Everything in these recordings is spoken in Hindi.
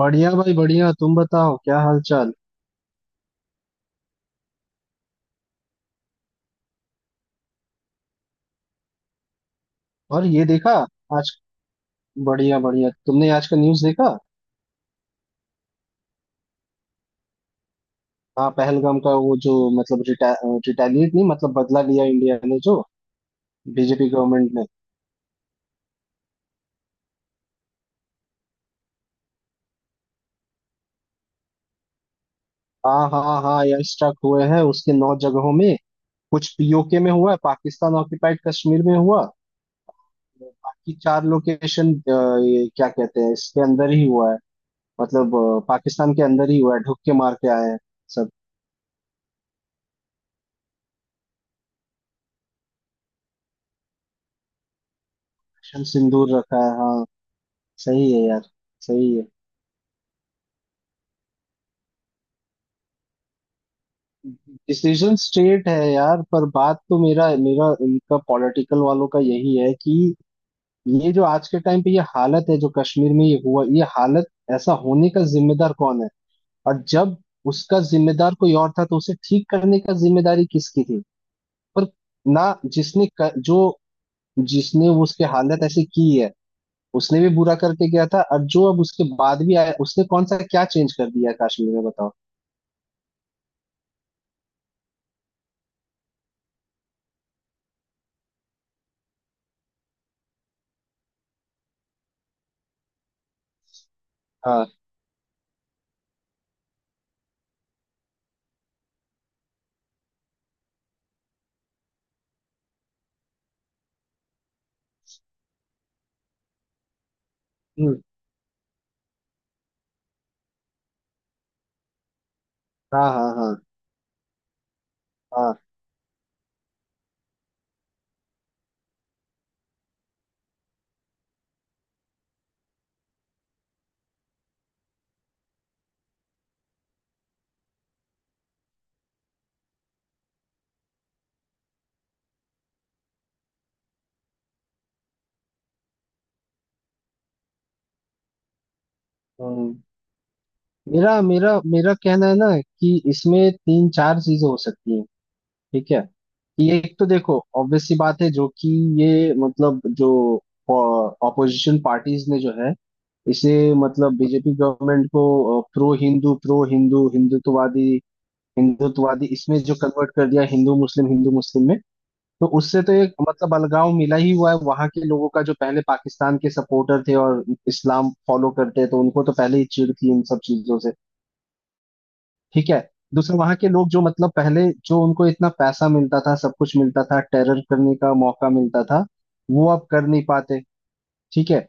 बढ़िया भाई बढ़िया। तुम बताओ, क्या हाल चाल? और ये देखा आज। बढ़िया बढ़िया, तुमने आज का न्यूज़ देखा? हाँ, पहलगाम का वो जो मतलब रिटेलिएट नहीं, मतलब बदला लिया इंडिया ने, जो बीजेपी गवर्नमेंट ने। हाँ हाँ हाँ, एयर स्ट्राइक हुए हैं उसके नौ जगहों में। कुछ पीओके में हुआ है, पाकिस्तान ऑक्यूपाइड कश्मीर में हुआ। बाकी चार लोकेशन, ये क्या कहते हैं, इसके अंदर ही हुआ है। मतलब पाकिस्तान के अंदर ही हुआ है, ढुक के मार के आए हैं सब। मिशन सिंदूर रखा है, हाँ। सही है यार। सही है। डिसीजन स्ट्रेट है यार, पर बात तो मेरा मेरा इनका पॉलिटिकल वालों का यही है कि ये जो आज के टाइम पे ये हालत है, जो कश्मीर में ये हुआ, ये हालत ऐसा होने का जिम्मेदार कौन है? और जब उसका जिम्मेदार कोई और था, तो उसे ठीक करने का जिम्मेदारी किसकी थी? पर ना, जिसने क, जो जिसने उसके हालत ऐसी की है उसने भी बुरा करके गया था, और जो अब उसके बाद भी आया उसने कौन सा क्या चेंज कर दिया है कश्मीर में, बताओ। हाँ। हम्म। हाँ हाँ हाँ हाँ। हम्म। मेरा मेरा मेरा कहना है ना कि इसमें तीन चार चीजें हो सकती हैं। ठीक है। कि एक तो देखो ऑब्वियस सी बात है, जो कि ये मतलब जो ऑपोजिशन पार्टीज ने जो है इसे मतलब बीजेपी गवर्नमेंट को प्रो हिंदू हिंदुत्ववादी हिंदुत्ववादी इसमें जो कन्वर्ट कर दिया, हिंदू मुस्लिम में। तो उससे तो एक मतलब अलगाव मिला ही हुआ है वहां के लोगों का, जो पहले पाकिस्तान के सपोर्टर थे और इस्लाम फॉलो करते हैं, तो उनको तो पहले ही चिढ़ थी इन सब चीजों से। ठीक है। दूसरा, वहां के लोग जो मतलब पहले जो उनको इतना पैसा मिलता था, सब कुछ मिलता था, टेरर करने का मौका मिलता था, वो अब कर नहीं पाते। ठीक है।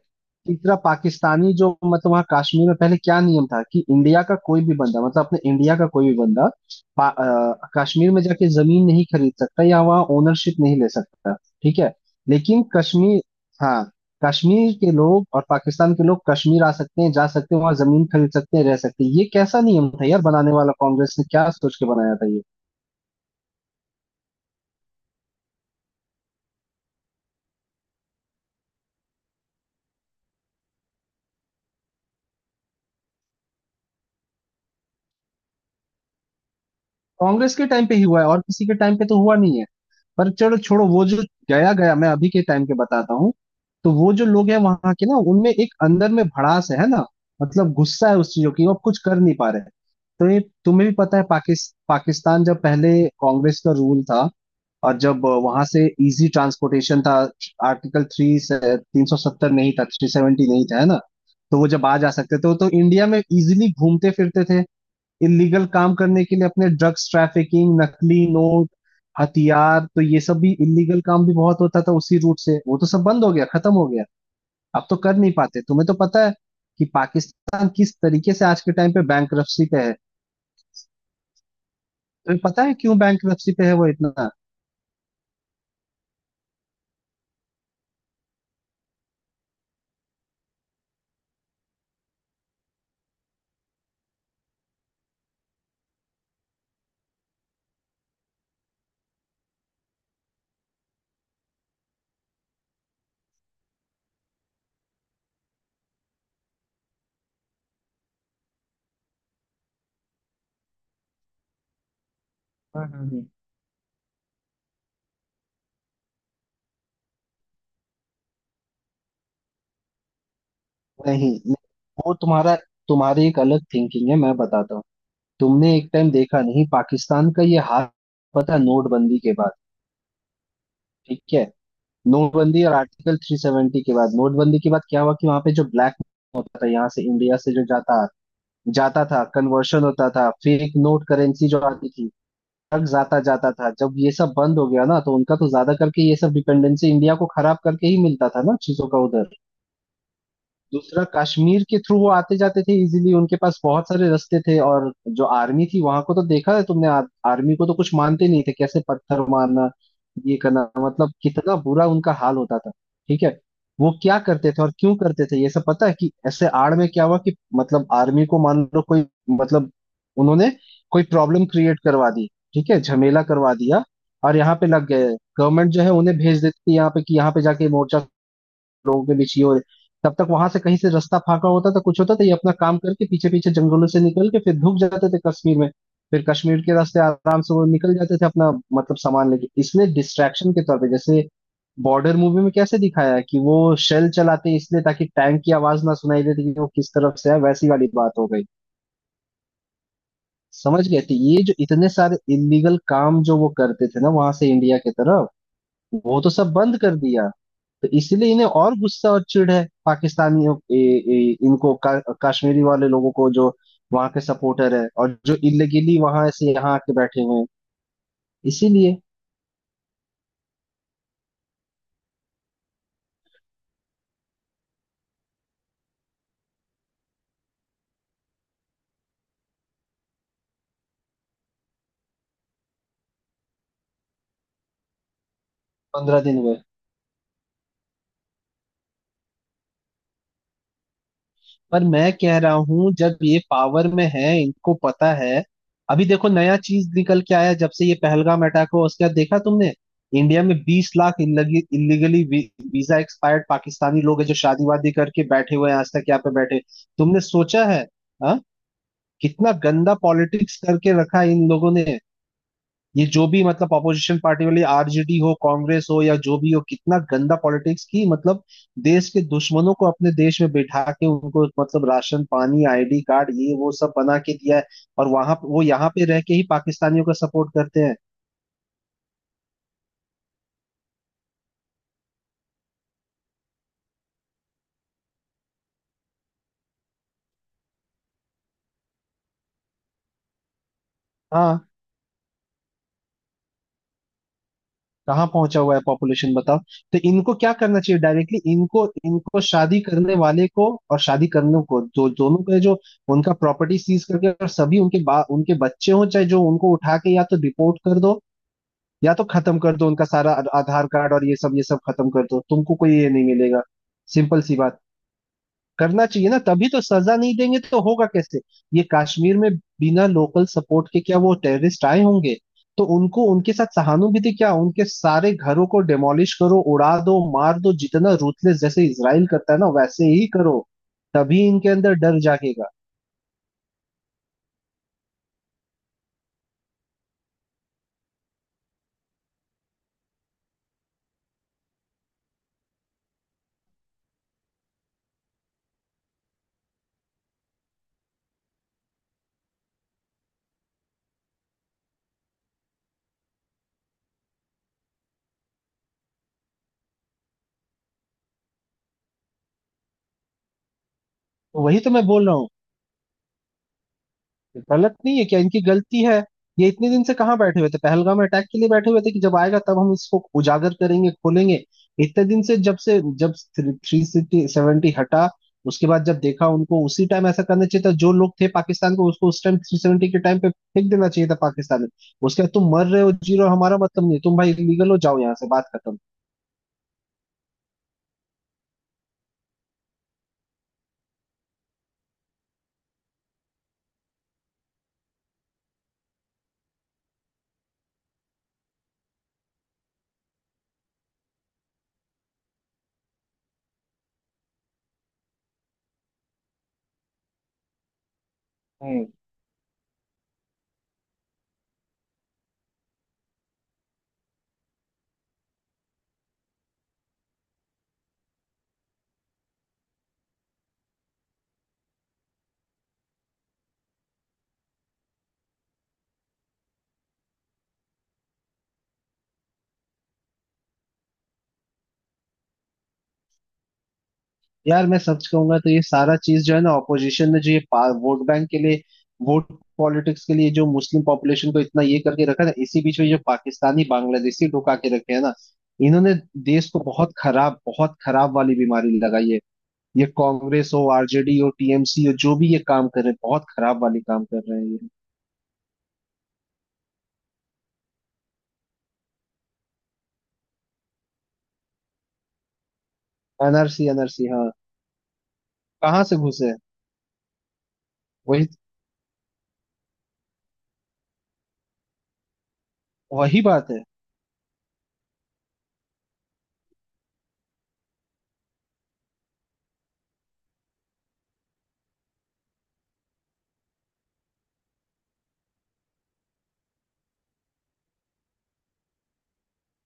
तीसरा, पाकिस्तानी जो मतलब वहाँ कश्मीर में पहले क्या नियम था कि इंडिया का कोई भी बंदा, मतलब अपने इंडिया का कोई भी बंदा कश्मीर में जाके जमीन नहीं खरीद सकता या वहाँ ओनरशिप नहीं ले सकता। ठीक है। लेकिन कश्मीर। हाँ। कश्मीर के लोग और पाकिस्तान के लोग कश्मीर आ सकते हैं, जा सकते हैं, वहाँ जमीन खरीद सकते हैं, रह सकते हैं। ये कैसा नियम था यार बनाने वाला, कांग्रेस ने क्या सोच के बनाया था ये? कांग्रेस के टाइम पे ही हुआ है, और किसी के टाइम पे तो हुआ नहीं है। पर चलो छोड़ो, वो जो गया गया। मैं अभी के टाइम के बताता हूँ। तो वो जो लोग हैं वहां के ना, उनमें एक अंदर में भड़ास है ना? मतलब गुस्सा है उस चीजों की, वो अब कुछ कर नहीं पा रहे। तो ये तुम्हें भी पता है, पाकिस्तान जब पहले कांग्रेस का रूल था, और जब वहां से इजी ट्रांसपोर्टेशन था, आर्टिकल थ्री, 370 नहीं था, थ्री सेवेंटी नहीं था, है ना? तो वो जब आ जा सकते थे तो इंडिया में इजीली घूमते फिरते थे इलीगल काम करने के लिए, अपने ड्रग्स ट्रैफिकिंग नकली नोट हथियार, तो ये सब भी इलीगल काम भी बहुत होता था उसी रूट से। वो तो सब बंद हो गया, खत्म हो गया। अब तो कर नहीं पाते। तुम्हें तो पता है कि पाकिस्तान किस तरीके से आज के टाइम पे बैंकरप्सी पे है। तुम्हें पता है क्यों बैंकरप्सी पे है वो इतना? हम्म हम्म, हम्म। नहीं नहीं, वो तुम्हारा तुम्हारी एक अलग थिंकिंग है, मैं बताता हूँ। तुमने एक टाइम देखा नहीं पाकिस्तान का ये हाल? पता है, नोटबंदी के बाद। ठीक है। नोटबंदी और आर्टिकल 370 के बाद, नोटबंदी के बाद क्या हुआ कि वहां पे जो ब्लैक होता था यहाँ से इंडिया से, जो जाता जाता था, कन्वर्शन होता था, फेक नोट करेंसी जो आती थी तक जाता जाता था, जब ये सब बंद हो गया ना, तो उनका तो ज्यादा करके ये सब डिपेंडेंसी इंडिया को खराब करके ही मिलता था ना चीजों का उधर। दूसरा, कश्मीर के थ्रू वो आते जाते थे इजीली, उनके पास बहुत सारे रास्ते थे। और जो आर्मी थी वहां को तो देखा है तुमने, आर्मी को तो कुछ मानते नहीं थे, कैसे पत्थर मारना ये करना, मतलब कितना बुरा उनका हाल होता था। ठीक है। वो क्या करते थे और क्यों करते थे ये सब पता है कि ऐसे आड़ में क्या हुआ कि मतलब आर्मी को मान लो कोई मतलब उन्होंने कोई प्रॉब्लम क्रिएट करवा दी, ठीक है, झमेला करवा दिया, और यहाँ पे लग गए, गवर्नमेंट जो है उन्हें भेज देती थी यहाँ पे कि यहाँ पे जाके मोर्चा लोगों के बीच ये हो रही, तब तक वहां से कहीं से रास्ता फाका होता था, कुछ होता था, ये अपना काम करके पीछे पीछे जंगलों से निकल के फिर धूप जाते थे कश्मीर में। फिर कश्मीर के रास्ते आराम से वो निकल जाते थे अपना मतलब सामान लेके। इसलिए डिस्ट्रैक्शन के तौर पे, जैसे बॉर्डर मूवी में कैसे दिखाया है कि वो शेल चलाते हैं इसलिए ताकि टैंक की आवाज ना सुनाई देती कि वो किस तरफ से है, वैसी वाली बात हो गई। समझ गए? तो ये जो इतने सारे इलीगल काम जो वो करते थे ना वहां से इंडिया की तरफ, वो तो सब बंद कर दिया। तो इसीलिए इन्हें और गुस्सा और चिढ़ है पाकिस्तानियों, ए, ए, इनको का, कश्मीरी वाले लोगों को जो वहां के सपोर्टर है और जो इलीगली वहां से यहाँ आके बैठे हुए हैं। इसीलिए। 15 दिन हुए। पर मैं कह रहा हूँ, जब ये पावर में है, इनको पता है। अभी देखो नया चीज निकल के आया, जब से ये पहलगाम अटैक हुआ, उसके बाद देखा तुमने, इंडिया में 20 lakh illegally visa expired Pakistani लोग है जो शादी वादी करके बैठे हुए हैं, आज तक यहाँ पे बैठे। तुमने सोचा है? आ? कितना गंदा पॉलिटिक्स करके रखा है इन लोगों ने। ये जो भी मतलब अपोजिशन पार्टी वाली आरजेडी हो, कांग्रेस हो, या जो भी हो, कितना गंदा पॉलिटिक्स की, मतलब देश के दुश्मनों को अपने देश में बैठा के उनको मतलब राशन पानी आईडी कार्ड ये वो सब बना के दिया है, और वहां वो यहाँ पे रह के ही पाकिस्तानियों का सपोर्ट करते हैं। हाँ। कहाँ पहुंचा हुआ है पॉपुलेशन, बताओ। तो इनको क्या करना चाहिए? डायरेक्टली इनको इनको शादी करने वाले को और शादी करने को जो दोनों का जो उनका प्रॉपर्टी सीज करके, और सभी उनके बा, उनके बच्चे हों चाहे जो, उनको उठा के या तो डिपोर्ट कर दो, या तो खत्म कर दो उनका सारा। आधार कार्ड और ये सब, ये सब खत्म कर दो, तुमको कोई ये नहीं मिलेगा। सिंपल सी बात। करना चाहिए ना, तभी, तो सजा नहीं देंगे तो होगा कैसे? ये कश्मीर में बिना लोकल सपोर्ट के क्या वो टेररिस्ट आए होंगे? तो उनको उनके साथ सहानुभूति क्या, उनके सारे घरों को डेमोलिश करो, उड़ा दो, मार दो, जितना रूथलेस जैसे इसराइल करता है ना, वैसे ही करो। तभी इनके अंदर डर जागेगा। तो वही तो मैं बोल रहा हूँ। गलत नहीं है क्या? इनकी गलती है। ये इतने दिन से कहाँ बैठे हुए थे? पहलगाम अटैक के लिए बैठे हुए थे कि जब आएगा तब हम इसको उजागर करेंगे, खोलेंगे? इतने दिन से, जब से, जब 370 हटा उसके बाद जब देखा उनको, उसी टाइम ऐसा करना चाहिए था। जो लोग थे पाकिस्तान को, उसको उस टाइम 370 के टाइम पे फेंक देना चाहिए था पाकिस्तान में। उसके बाद तुम मर रहे हो जी रहे हो हमारा मतलब नहीं, तुम भाई इलीगल हो जाओ यहाँ से, बात खत्म। हम्म। यार मैं सच कहूंगा तो ये सारा चीज जो है ना, ऑपोजिशन ने जो ये वोट बैंक के लिए, वोट पॉलिटिक्स के लिए, जो मुस्लिम पॉपुलेशन को इतना ये करके रखा ना, इसी बीच में जो पाकिस्तानी बांग्लादेशी ढुका के रखे हैं ना, इन्होंने देश को बहुत खराब, बहुत खराब वाली बीमारी लगाई है। ये कांग्रेस हो, आरजेडी हो, टीएमसी हो, जो भी ये काम कर रहे हैं, बहुत खराब वाली काम कर रहे हैं ये। एनआरसी एनआरसी, हाँ। कहाँ से घुसे? वही। वही बात है।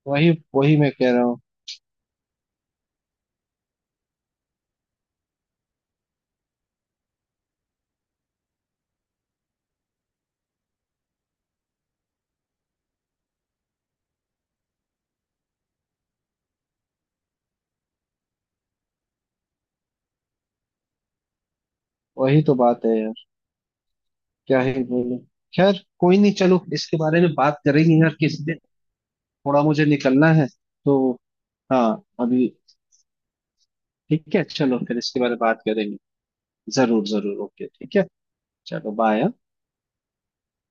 वही। वही मैं कह रहा हूँ। वही तो बात है। क्या ही बोलूं? खैर कोई नहीं, चलो इसके बारे में बात करेंगे यार किसी दिन। थोड़ा मुझे निकलना है, तो। हाँ अभी। ठीक है, चलो फिर इसके बारे में बात करेंगे। जरूर जरूर, ओके, ठीक है। चलो बाय।